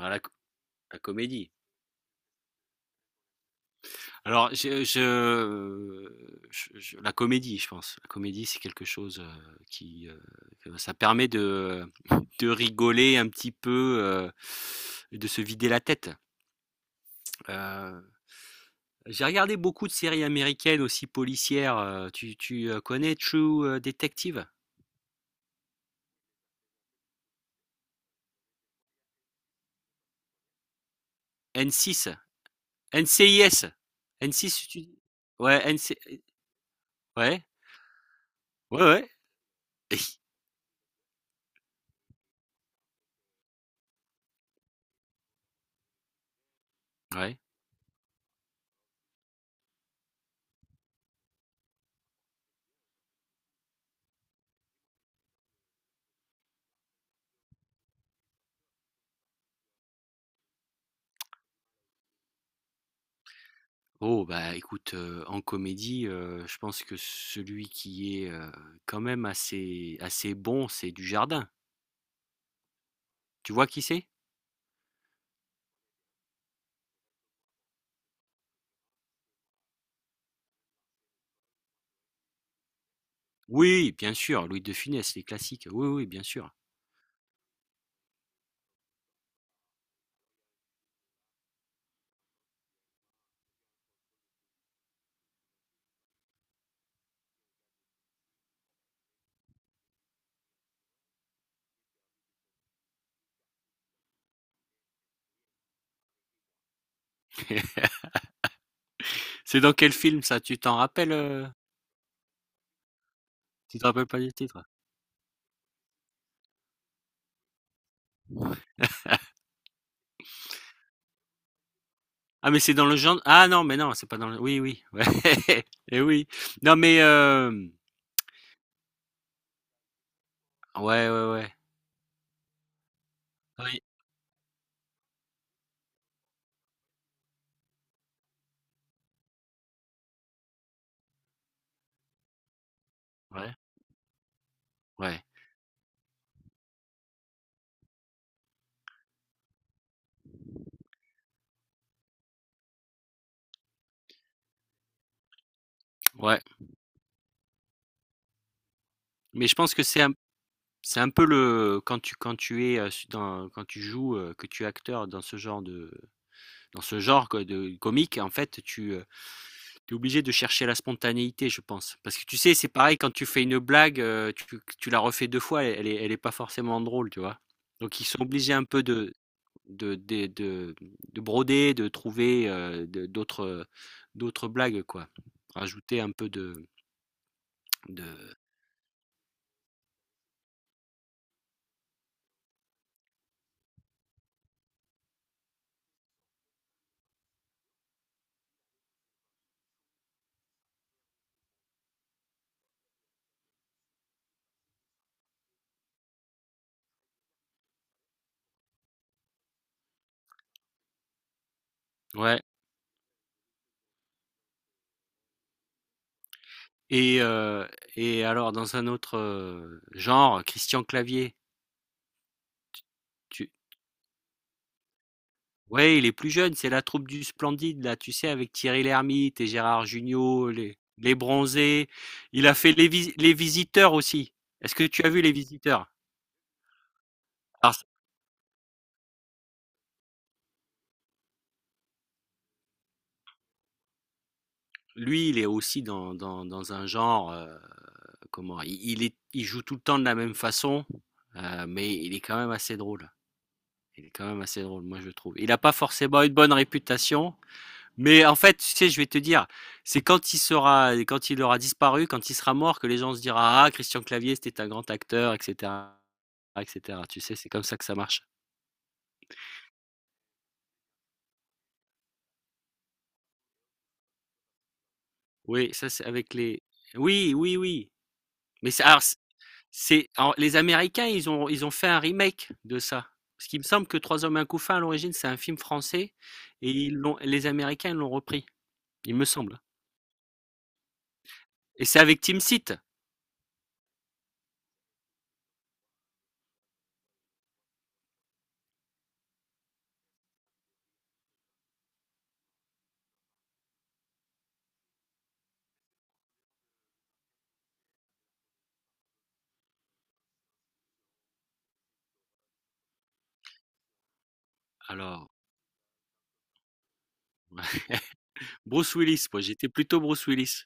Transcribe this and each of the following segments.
Ah, la comédie. Alors, la comédie, je pense. La comédie, c'est quelque chose que ça permet de rigoler un petit peu, et de se vider la tête. Euh, j'ai regardé beaucoup de séries américaines aussi policières. Connais True Detective? N6. NCIS. N6, tu... Ouais, NC... Ouais, ouais, ouais, ouais. Oh bah écoute, en comédie, je pense que celui qui est, quand même assez assez bon, c'est Dujardin. Tu vois qui c'est? Oui, bien sûr, Louis de Funès, les classiques. Oui, oui, bien sûr. C'est dans quel film ça? Tu t'en rappelles? Tu te rappelles pas du titre? Ah mais c'est dans le genre ah non, mais non, c'est pas dans le oui, oui, ouais et oui. Non mais, ouais, ouais, ouais. Oui, ouais, ouais, ouais, mais je pense que c'est un peu le quand tu es, su dans quand tu joues, que tu es acteur dans ce genre de dans ce genre quoi de comique en fait tu, es obligé de chercher la spontanéité je pense. Parce que tu sais, c'est pareil quand tu fais une blague, tu la refais 2 fois, elle est pas forcément drôle, tu vois? Donc ils sont obligés un peu de des de de broder, de trouver, de d'autres, d'autres blagues quoi. Rajouter un peu de ouais. Et heu et alors dans un autre, genre, Christian Clavier, tu ouais, il est plus jeune, c'est la troupe du Splendide là, tu sais, avec Thierry Lhermitte et Gérard Jugnot, les Bronzés. Il a fait les Visiteurs aussi. Est-ce que tu as vu les Visiteurs? Alors lui, il est aussi dans un genre, comment? Il joue tout le temps de la même façon, mais il est quand même assez drôle. Il est quand même assez drôle, moi je trouve. Il a pas forcément une bonne réputation. Mais en fait, tu sais, je vais te dire, c'est quand il sera, quand il aura disparu, quand il sera mort, que les gens se diront, ah, Christian Clavier, c'était un grand acteur, etc., etc. Tu sais, c'est comme ça que ça marche. Oui, ça, c'est avec les. Oui, oui, oui. Mais c'est, alors, alors, les Américains, ils ont fait un remake de ça. Parce qu'il me semble que Trois hommes et un couffin, à l'origine, c'est un film français, et les Américains ils l'ont repris, il me semble. Et c'est avec Tim Seat. Alors, Bruce Willis, moi, j'étais plutôt Bruce Willis.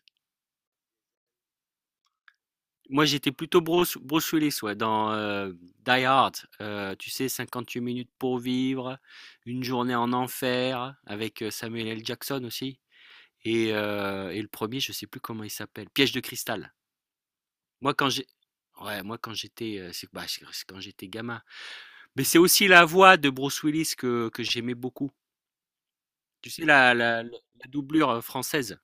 Moi, j'étais plutôt Bruce Willis, ouais, dans Die Hard. Tu sais, 58 minutes pour vivre, une journée en enfer, avec Samuel L. Jackson aussi. Et le premier, je sais plus comment il s'appelle, Piège de cristal. Moi, quand j'ai, ouais, moi quand j'étais, c'est bah, c'est quand j'étais gamin. Mais c'est aussi la voix de Bruce Willis que j'aimais beaucoup. Tu sais, la doublure française,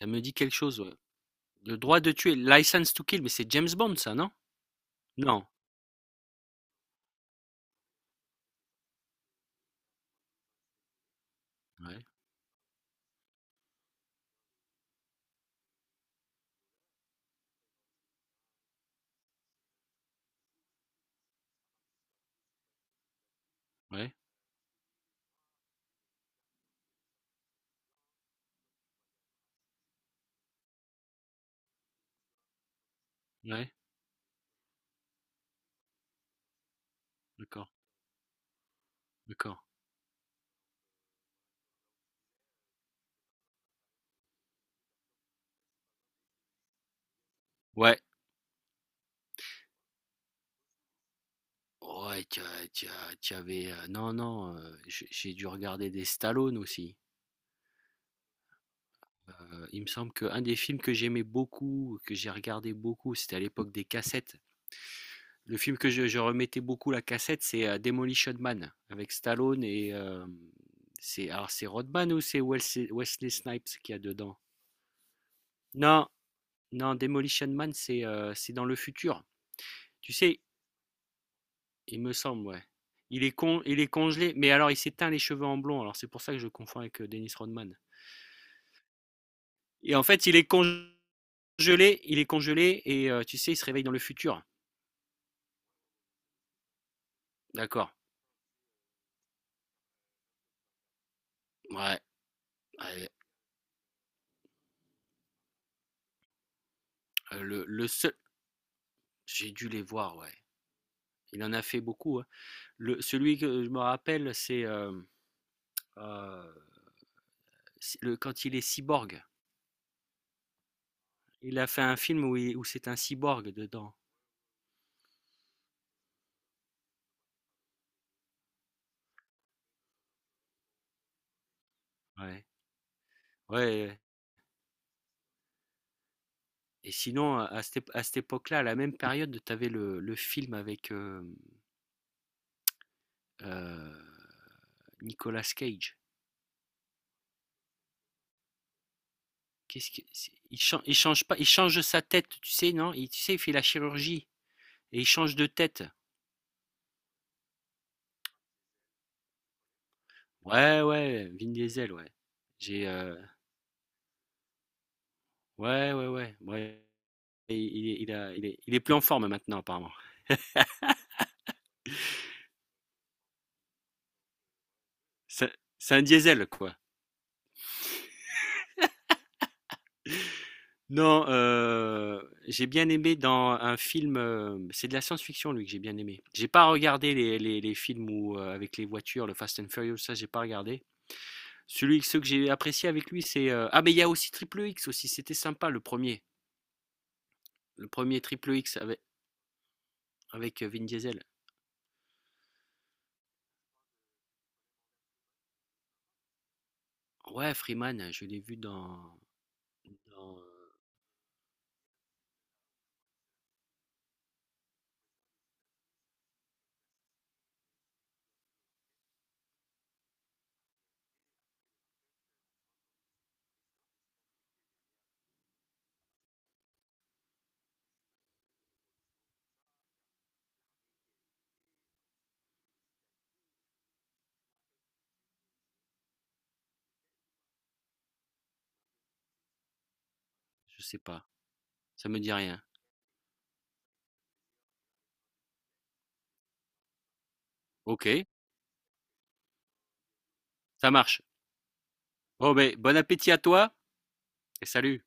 ça me dit quelque chose. Ouais. Le droit de tuer, License to Kill, mais c'est James Bond, ça, non? Non. Ouais, ouais, ouais. D'accord, d'accord. Ouais, ouais, tu avais, non, non, j'ai dû regarder des Stallone aussi. Il me semble qu'un des films que j'aimais beaucoup, que j'ai regardé beaucoup, c'était à l'époque des cassettes. Le film que je remettais beaucoup la cassette, c'est, Demolition Man avec Stallone et c'est Rodman ou c'est Wesley Snipes qu'il y a dedans? Non, non, Demolition Man, c'est dans le futur. Tu sais, il me semble, ouais. Il est congelé, mais alors il s'est teint les cheveux en blond, alors c'est pour ça que je confonds avec Dennis Rodman. Et en fait, il est congelé et tu sais, il se réveille dans le futur. D'accord. Ouais. Ouais. Le seul. J'ai dû les voir, ouais. Il en a fait beaucoup, hein. Celui que je me rappelle, c'est euh, quand il est cyborg. Il a fait un film où c'est un cyborg dedans. Ouais. Ouais. Et sinon, à cette ép à cette époque-là, à la même période, tu avais le film avec, heu, Nicolas Cage. Qu'est-ce que c'est il chan il change pas il change sa tête, tu sais, non? Il Tu sais, il fait la chirurgie et il change de tête. Ouais, ouais, Vin Diesel, ouais. J'ai, heu, ouais, ouais, ouais, ouais, il est il a il est plus en forme maintenant apparemment. C'est c'est un diesel, quoi. Non, j'ai bien aimé dans un film, c'est de la science-fiction lui que j'ai bien aimé. J'ai pas regardé les films où, avec les voitures, le Fast and Furious, ça j'ai pas regardé. Celui Ceux que j'ai apprécié avec lui, c'est, ah mais il y a aussi Triple X aussi, c'était sympa le premier. Le premier er Triple X avec, Vin Diesel. Ouais, Freeman, je l'ai vu dans dans, heu, je sais pas, ça me dit rien. OK, ça marche. Bon appétit à toi et salut.